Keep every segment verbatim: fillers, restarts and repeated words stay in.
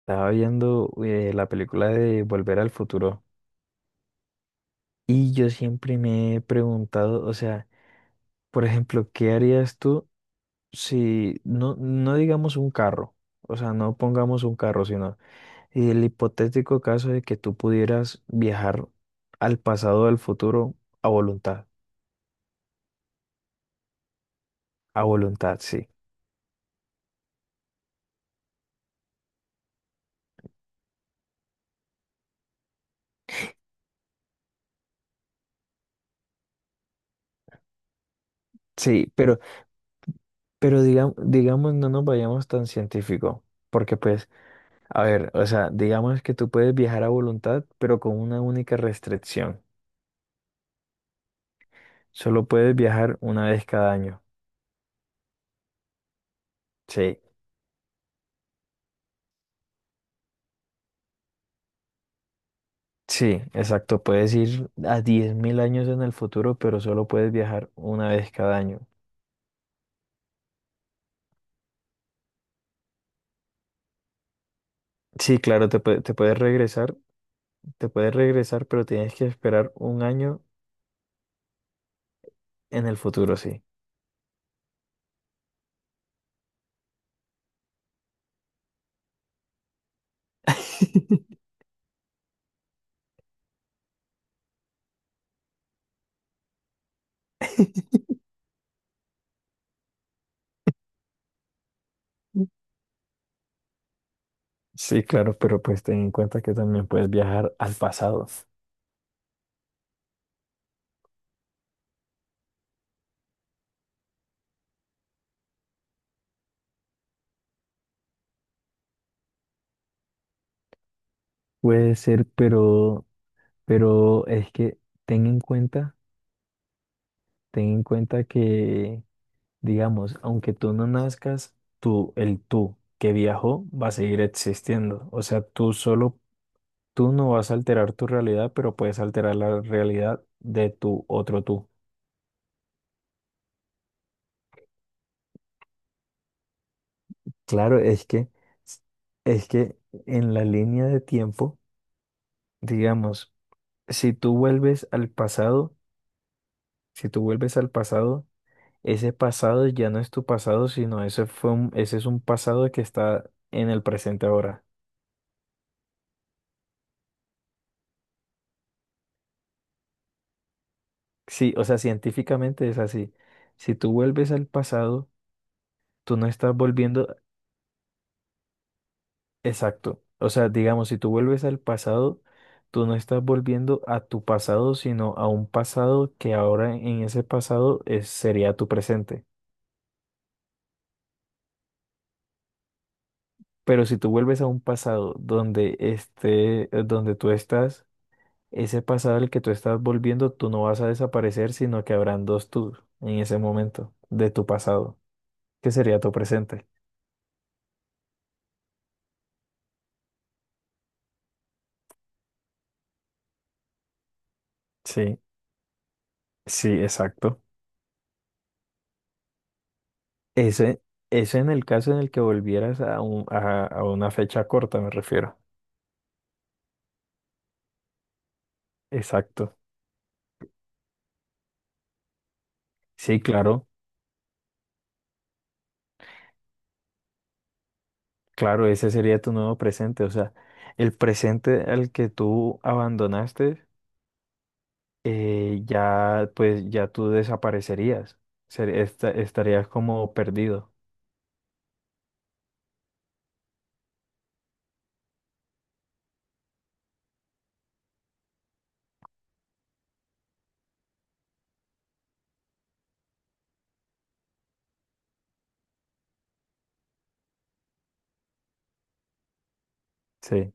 Estaba viendo eh, la película de Volver al Futuro y yo siempre me he preguntado, o sea, por ejemplo, ¿qué harías tú si no, no digamos un carro? O sea, no pongamos un carro, sino el hipotético caso de que tú pudieras viajar al pasado o al futuro a voluntad. A voluntad, sí. Sí, pero, pero digamos, digamos, no nos vayamos tan científico, porque pues, a ver, o sea, digamos que tú puedes viajar a voluntad, pero con una única restricción. Solo puedes viajar una vez cada año. Sí, sí, exacto. Puedes ir a diez mil años en el futuro, pero solo puedes viajar una vez cada año. Sí, claro, te, pue- te puedes regresar, te puedes regresar, pero tienes que esperar un año en el futuro, sí. Mm. Sí, claro, pero pues ten en cuenta que también puedes viajar al pasado. Puede ser, pero, pero es que ten en cuenta, ten en cuenta que digamos, aunque tú no nazcas, tú, el tú que viajó va a seguir existiendo. O sea, tú solo, tú no vas a alterar tu realidad, pero puedes alterar la realidad de tu otro tú. Claro, es que, es que en la línea de tiempo, digamos, si tú vuelves al pasado, si tú vuelves al pasado, ese pasado ya no es tu pasado, sino ese fue un- ese es un pasado que está en el presente ahora. Sí, o sea, científicamente es así. Si tú vuelves al pasado, tú no estás volviendo, exacto. O sea, digamos, si tú vuelves al pasado, tú no estás volviendo a tu pasado, sino a un pasado que ahora en ese pasado es- sería tu presente. Pero si tú vuelves a un pasado donde esté, eh, donde tú estás, ese pasado al que tú estás volviendo, tú no vas a desaparecer, sino que habrán dos tú en ese momento de tu pasado, que sería tu presente. Sí, sí, exacto. Ese, ese en el caso en el que volvieras a, un- a, a una fecha corta, me refiero. Exacto. Sí, claro, claro, ese sería tu nuevo presente. O sea, el presente al que tú abandonaste, eh, ya, pues, ya tú desaparecerías. Ser- esta- estarías como perdido. Sí.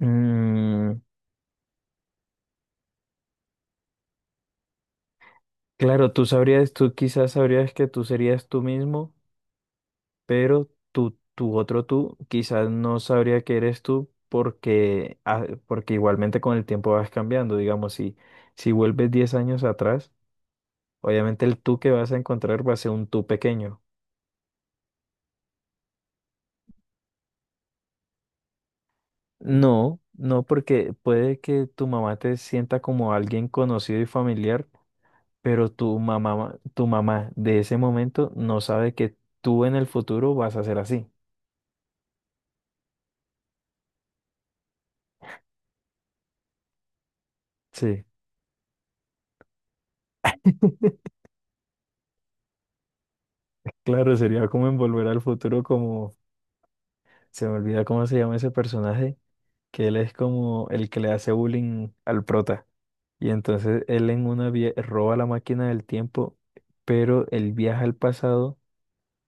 Mm, claro, tú sabrías, tú quizás sabrías que tú serías tú mismo pero tu, tu otro tú quizás no sabría que eres tú porque, ah, porque igualmente con el tiempo vas cambiando. Digamos, si, si vuelves diez años atrás, obviamente el tú que vas a encontrar va a ser un tú pequeño. No, no, porque puede que tu mamá te sienta como alguien conocido y familiar, pero tu mamá, tu mamá de ese momento no sabe que tú en el futuro vas a ser así. Sí, claro, sería como envolver al futuro como se me olvida cómo se llama ese personaje, que él es como el que le hace bullying al prota. Y entonces él en una vía roba la máquina del tiempo, pero él viaja al pasado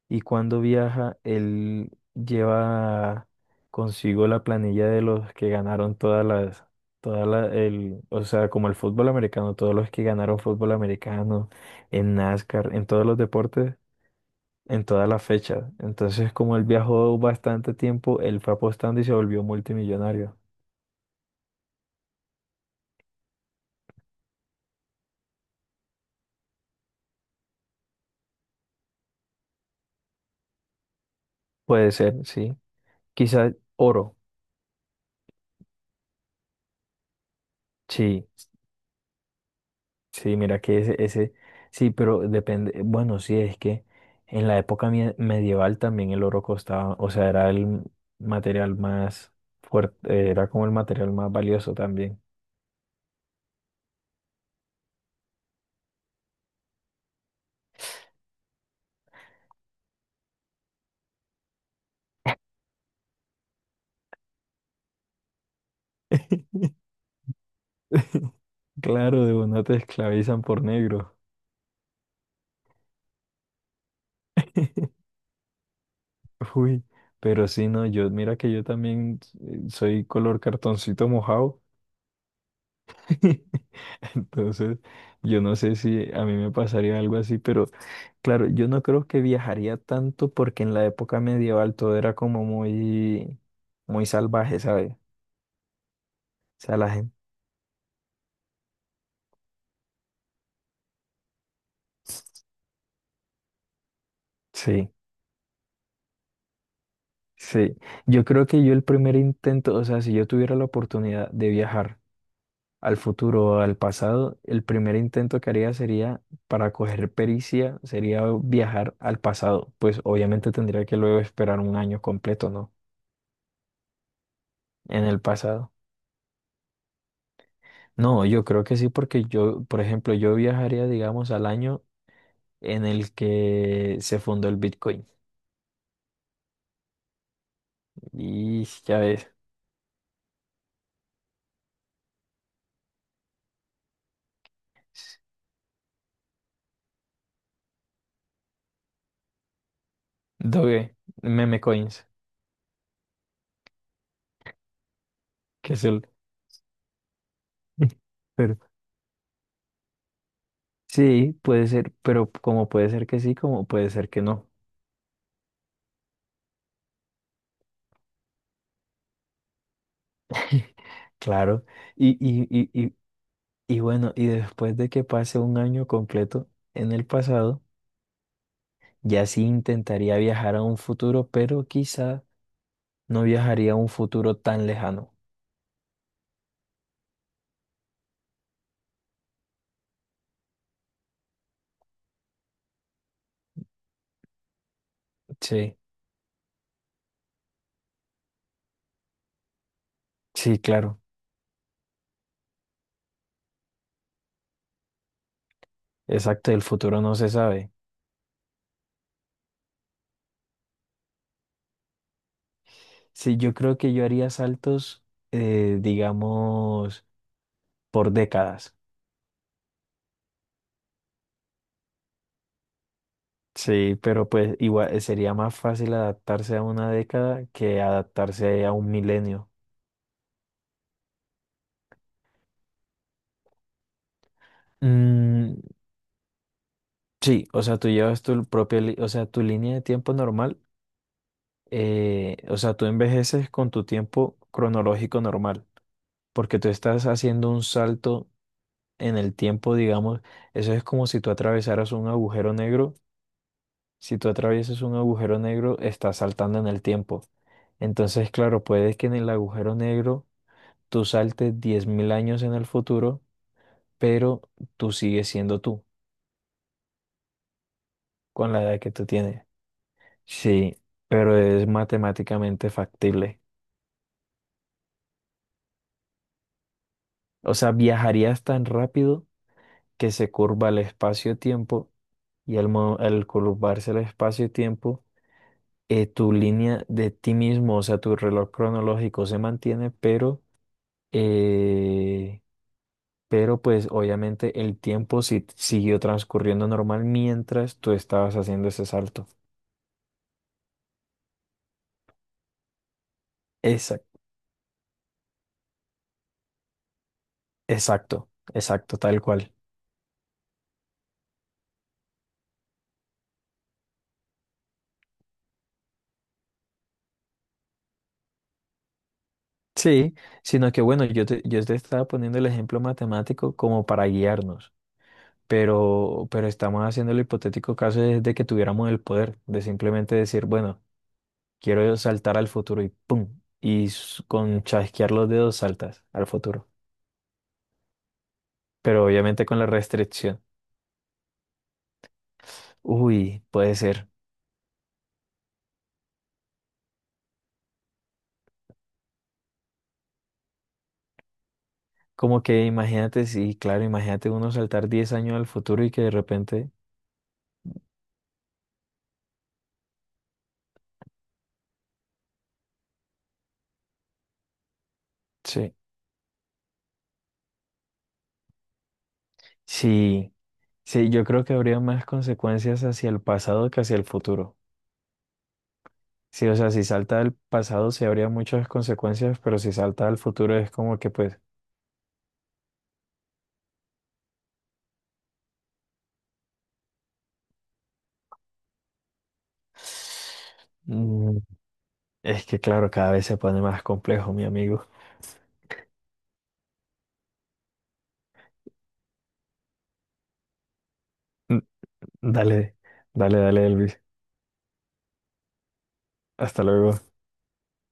y cuando viaja, él lleva consigo la planilla de los que ganaron todas las, todas la, el, o sea, como el fútbol americano, todos los que ganaron fútbol americano, en NASCAR, en todos los deportes en todas las fechas. Entonces, como él viajó bastante tiempo, él fue apostando y se volvió multimillonario. Puede ser, sí. Quizás oro. Sí, sí, mira que ese, ese, sí, pero depende. Bueno, sí, es que en la época mie- medieval también el oro costaba, o sea, era el material más fuerte, era como el material más valioso también. Claro, de una te esclavizan por negro. Uy, pero sí, no, yo, mira que yo también eh, soy color cartoncito mojado. Entonces, yo no sé si a mí me pasaría algo así, pero claro, yo no creo que viajaría tanto porque en la época medieval todo era como muy, muy salvaje, ¿sabes? O sea, la gente. Sí, sí. Yo creo que yo el primer intento, o sea, si yo tuviera la oportunidad de viajar al futuro al pasado, el primer intento que haría sería, para coger pericia, sería viajar al pasado. Pues obviamente tendría que luego esperar un año completo, ¿no? En el pasado. No, yo creo que sí, porque yo, por ejemplo, yo viajaría, digamos, al año en el que se fundó el Bitcoin. Y ya ves, Doge, meme coins, que es el... Pero sí, puede ser, pero como puede ser que sí, como puede ser que no. Claro. y Y, Y bueno, y después de que pase un año completo en el pasado, ya sí intentaría viajar a un futuro, pero quizá no viajaría a un futuro tan lejano. Sí, sí, claro, exacto, el futuro no se sabe. Sí, yo creo que yo haría saltos, eh, digamos, por décadas. Sí, pero pues igual sería más fácil adaptarse a una década que adaptarse a un milenio. Mm, sí, o sea, tú llevas tu propia, li- o sea, tu línea de tiempo normal, eh, o sea, tú envejeces con tu tiempo cronológico normal, porque tú estás haciendo un salto en el tiempo, digamos, eso es como si tú atravesaras un agujero negro, si tú atraviesas un agujero negro, estás saltando en el tiempo. Entonces, claro, puede que en el agujero negro tú saltes diez mil años en el futuro, pero tú sigues siendo tú con la edad que tú tienes. Sí, pero es matemáticamente factible. O sea, viajarías tan rápido que se curva el espacio-tiempo y al, mo- al curvarse el espacio-tiempo, eh, tu línea de ti mismo, o sea, tu reloj cronológico se mantiene, pero, eh, pero pues obviamente el tiempo si- siguió transcurriendo normal mientras tú estabas haciendo ese salto. Exacto, exacto, exacto, tal cual. Sí, sino que bueno, yo te, yo te estaba poniendo el ejemplo matemático como para guiarnos. pero, pero estamos haciendo el hipotético caso de, de que tuviéramos el poder, de simplemente decir, bueno, quiero saltar al futuro y ¡pum! Y s- con chasquear los dedos saltas al futuro, pero obviamente con la restricción. Uy, puede ser. Como que imagínate, sí, claro, imagínate uno saltar diez años al futuro y que de repente, sí, sí, sí, yo creo que habría más consecuencias hacia el pasado que hacia el futuro. Sí, o sea, si salta al pasado sí habría muchas consecuencias, pero si salta al futuro es como que pues mm, es que claro, cada vez se pone más complejo, mi amigo. Dale, dale, dale, Elvis. Hasta luego.